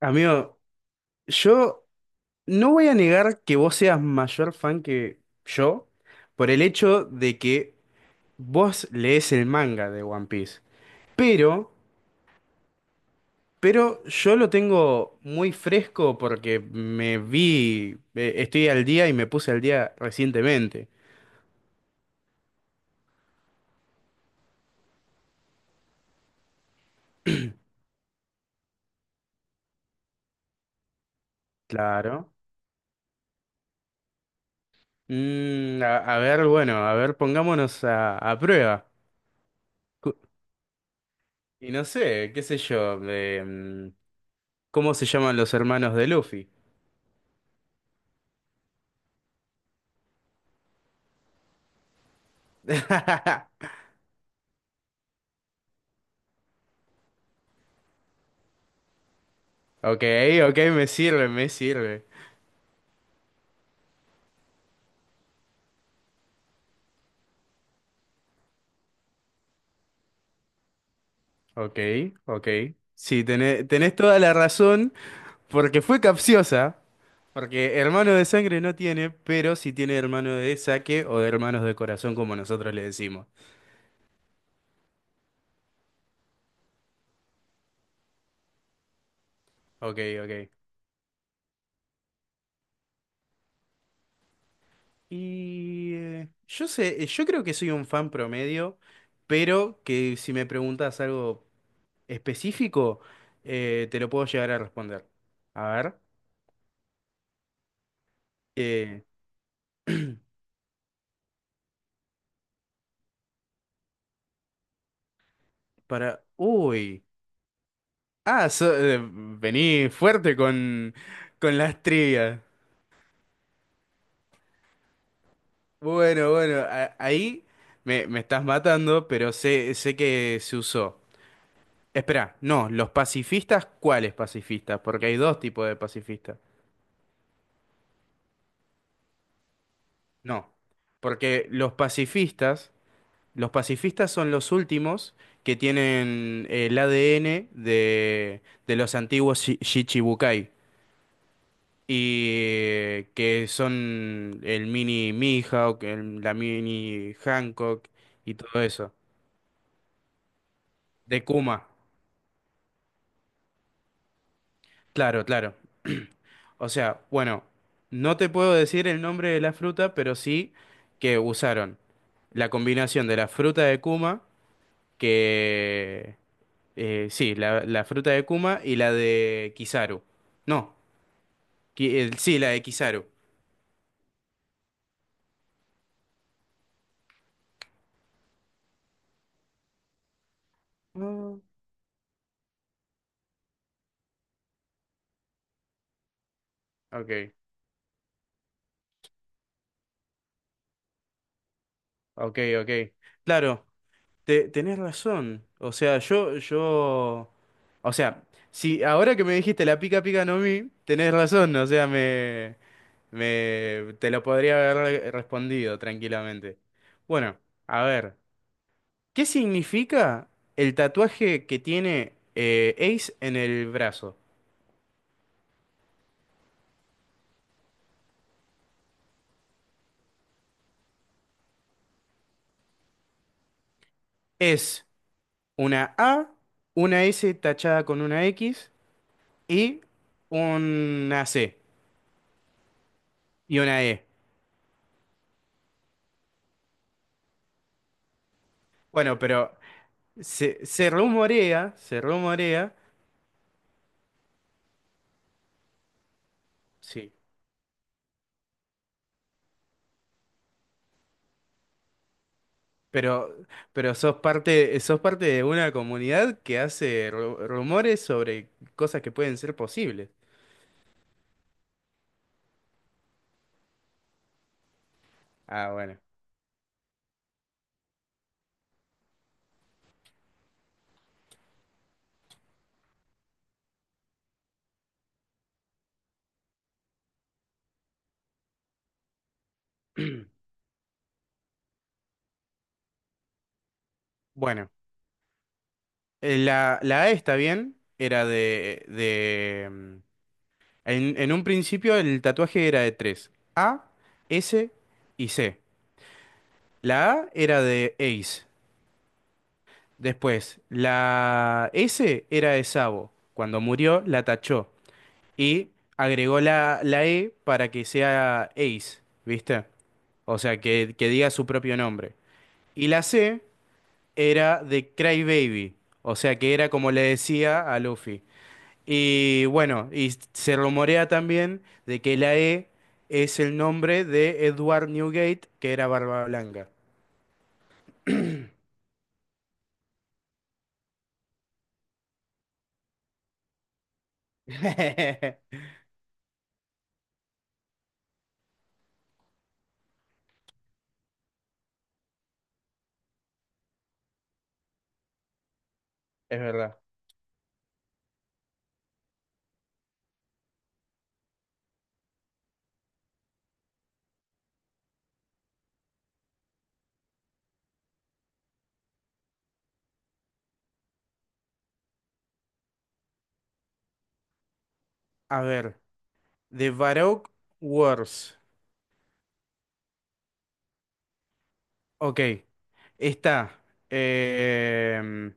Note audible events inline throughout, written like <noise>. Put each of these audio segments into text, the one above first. Amigo, yo no voy a negar que vos seas mayor fan que yo por el hecho de que vos lees el manga de One Piece. Pero, pero yo lo tengo muy fresco porque me vi, estoy al día y me puse al día recientemente. Claro. A ver, bueno, a ver, pongámonos a prueba. Cu- Y no sé, qué sé yo, em, ¿cómo se llaman los hermanos de Luffy? <laughs> Ok, ok, me sirve, me sirve. Ok, ok. Sí, tenés toda la razón, porque fue capciosa. Porque hermano de sangre no tiene, pero sí tiene hermano de saque o de hermanos de corazón, como nosotros le decimos. Ok, ok. Y yo sé, yo creo que soy un fan promedio, pero que si me preguntas algo específico, te lo puedo llegar a responder. A ver, eh, para... Uy. Vení fuerte con las trivias. Ahí me, me estás matando, pero sé, sé que se usó. Espera, no, los pacifistas, ¿cuáles pacifistas? Porque hay dos tipos de pacifistas. No, porque los pacifistas son los últimos que tienen el ADN de los antiguos Shichibukai. Y que son el mini Mihawk, la mini Hancock y todo eso. De Kuma, claro, claro. O sea, bueno, no te puedo decir el nombre de la fruta, pero sí que usaron la combinación de la fruta de Kuma, que... sí, la fruta de Kuma y la de Kizaru. No, sí, la de Kizaru. Mm. Ok, ok, ok. Claro. Tenés razón. O sea, yo, yo. O sea, si ahora que me dijiste la pica pica no mi, tenés razón. O sea, me te lo podría haber respondido tranquilamente. Bueno, a ver. ¿Qué significa el tatuaje que tiene Ace en el brazo? Es una A, una S tachada con una X y una C y una E. Bueno, pero se rumorea, sí, pero, pero sos parte de una comunidad que hace rumores sobre cosas que pueden ser posibles. Ah, bueno. Bueno, la A está bien, era de en un principio el tatuaje era de tres, A, S y C. La A era de Ace, después la S era de Sabo, cuando murió la tachó. Y agregó la E para que sea Ace, ¿viste? O sea, que diga su propio nombre. Y la C era de Crybaby, o sea, que era como le decía a Luffy. Y bueno, y se rumorea también de que la E es el nombre de Edward Newgate, que era Barba Blanca. <laughs> Es verdad. A ver, de Baroque Wars. Ok, está. em,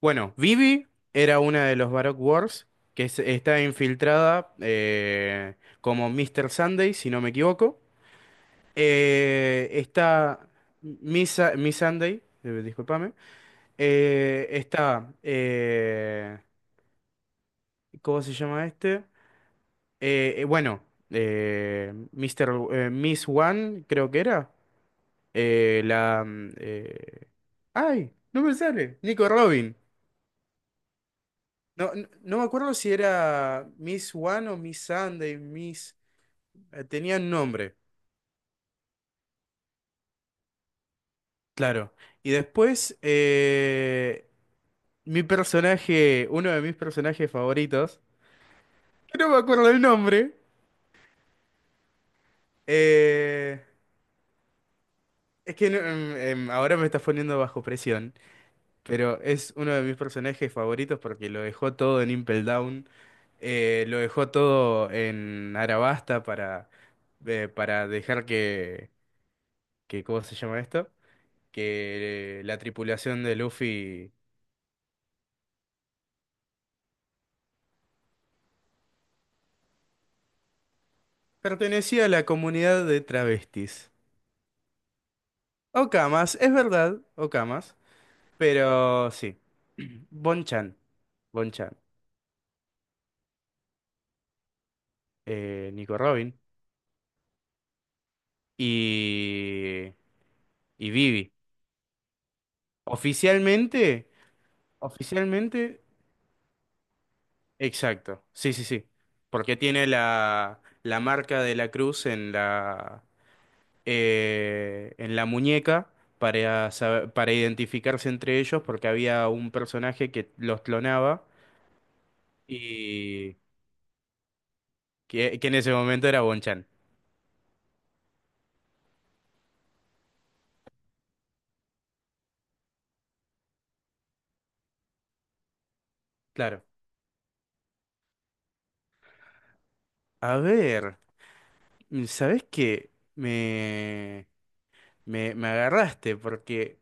Bueno, Vivi era una de los Baroque Wars que está infiltrada como Mr. Sunday, si no me equivoco. Está Miss Sunday, discúlpame. Eh, está, eh, ¿Cómo se llama este? Bueno, Miss One, creo que era. Eh, la... mm, eh, ¡Ay! No me sale. Nico Robin. No, no me acuerdo si era Miss One o Miss Sunday, Miss... tenían nombre, claro. Y después, mi personaje, uno de mis personajes favoritos, que no me acuerdo el nombre, eh, es que ahora me estás poniendo bajo presión, pero es uno de mis personajes favoritos porque lo dejó todo en Impel Down, lo dejó todo en Arabasta para dejar que, ¿cómo se llama esto? Que la tripulación de Luffy pertenecía a la comunidad de travestis. Okamas, es verdad, Okamas, pero sí. <clears throat> Bonchan, Bonchan, Nico Robin y, y Vivi. Oficialmente, oficialmente, exacto, sí, sí, sí, porque tiene la marca de la cruz en la muñeca para, para identificarse entre ellos porque había un personaje que los clonaba y que en ese momento era Bonchan. Claro. A ver, ¿sabés qué? Me agarraste porque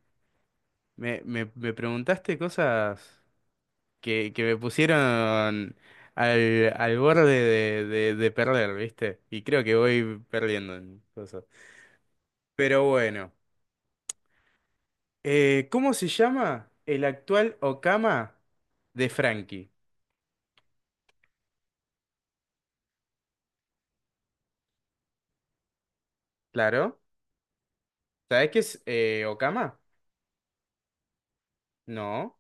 me preguntaste cosas que me pusieron al borde de perder, ¿viste? Y creo que voy perdiendo en cosas. Pero bueno. ¿Cómo se llama el actual Okama de Frankie? Claro. ¿Sabés qué es Okama? No.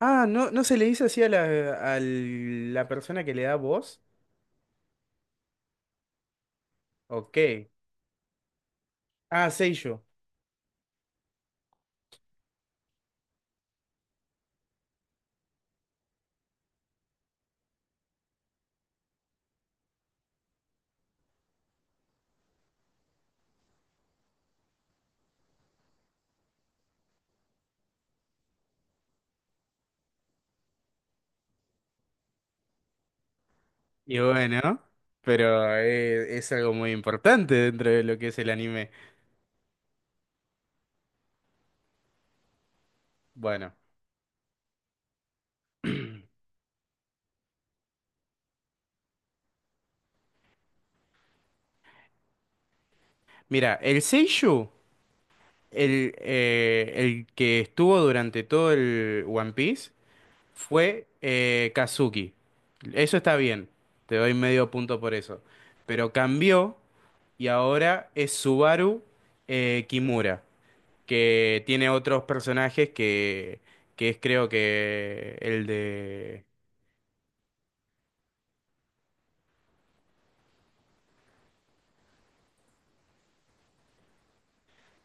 Ah, no, ¿no se le dice así a a la persona que le da voz? Ok. Ah, Seiyo. Y bueno, pero es algo muy importante dentro de lo que es el anime. Bueno, mira, el Seiyu, el que estuvo durante todo el One Piece fue Kazuki. Eso está bien, te doy medio punto por eso. Pero cambió y ahora es Subaru Kimura, que tiene otros personajes que es creo que el de...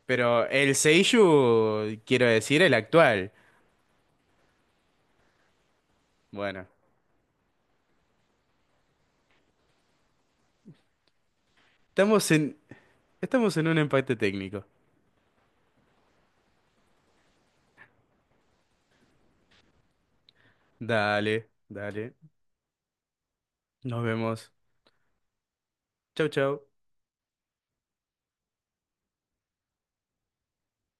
Pero el Seiyuu, quiero decir, el actual. Bueno, estamos en, estamos en un empate técnico. Dale, dale. Nos vemos. Chau, chau.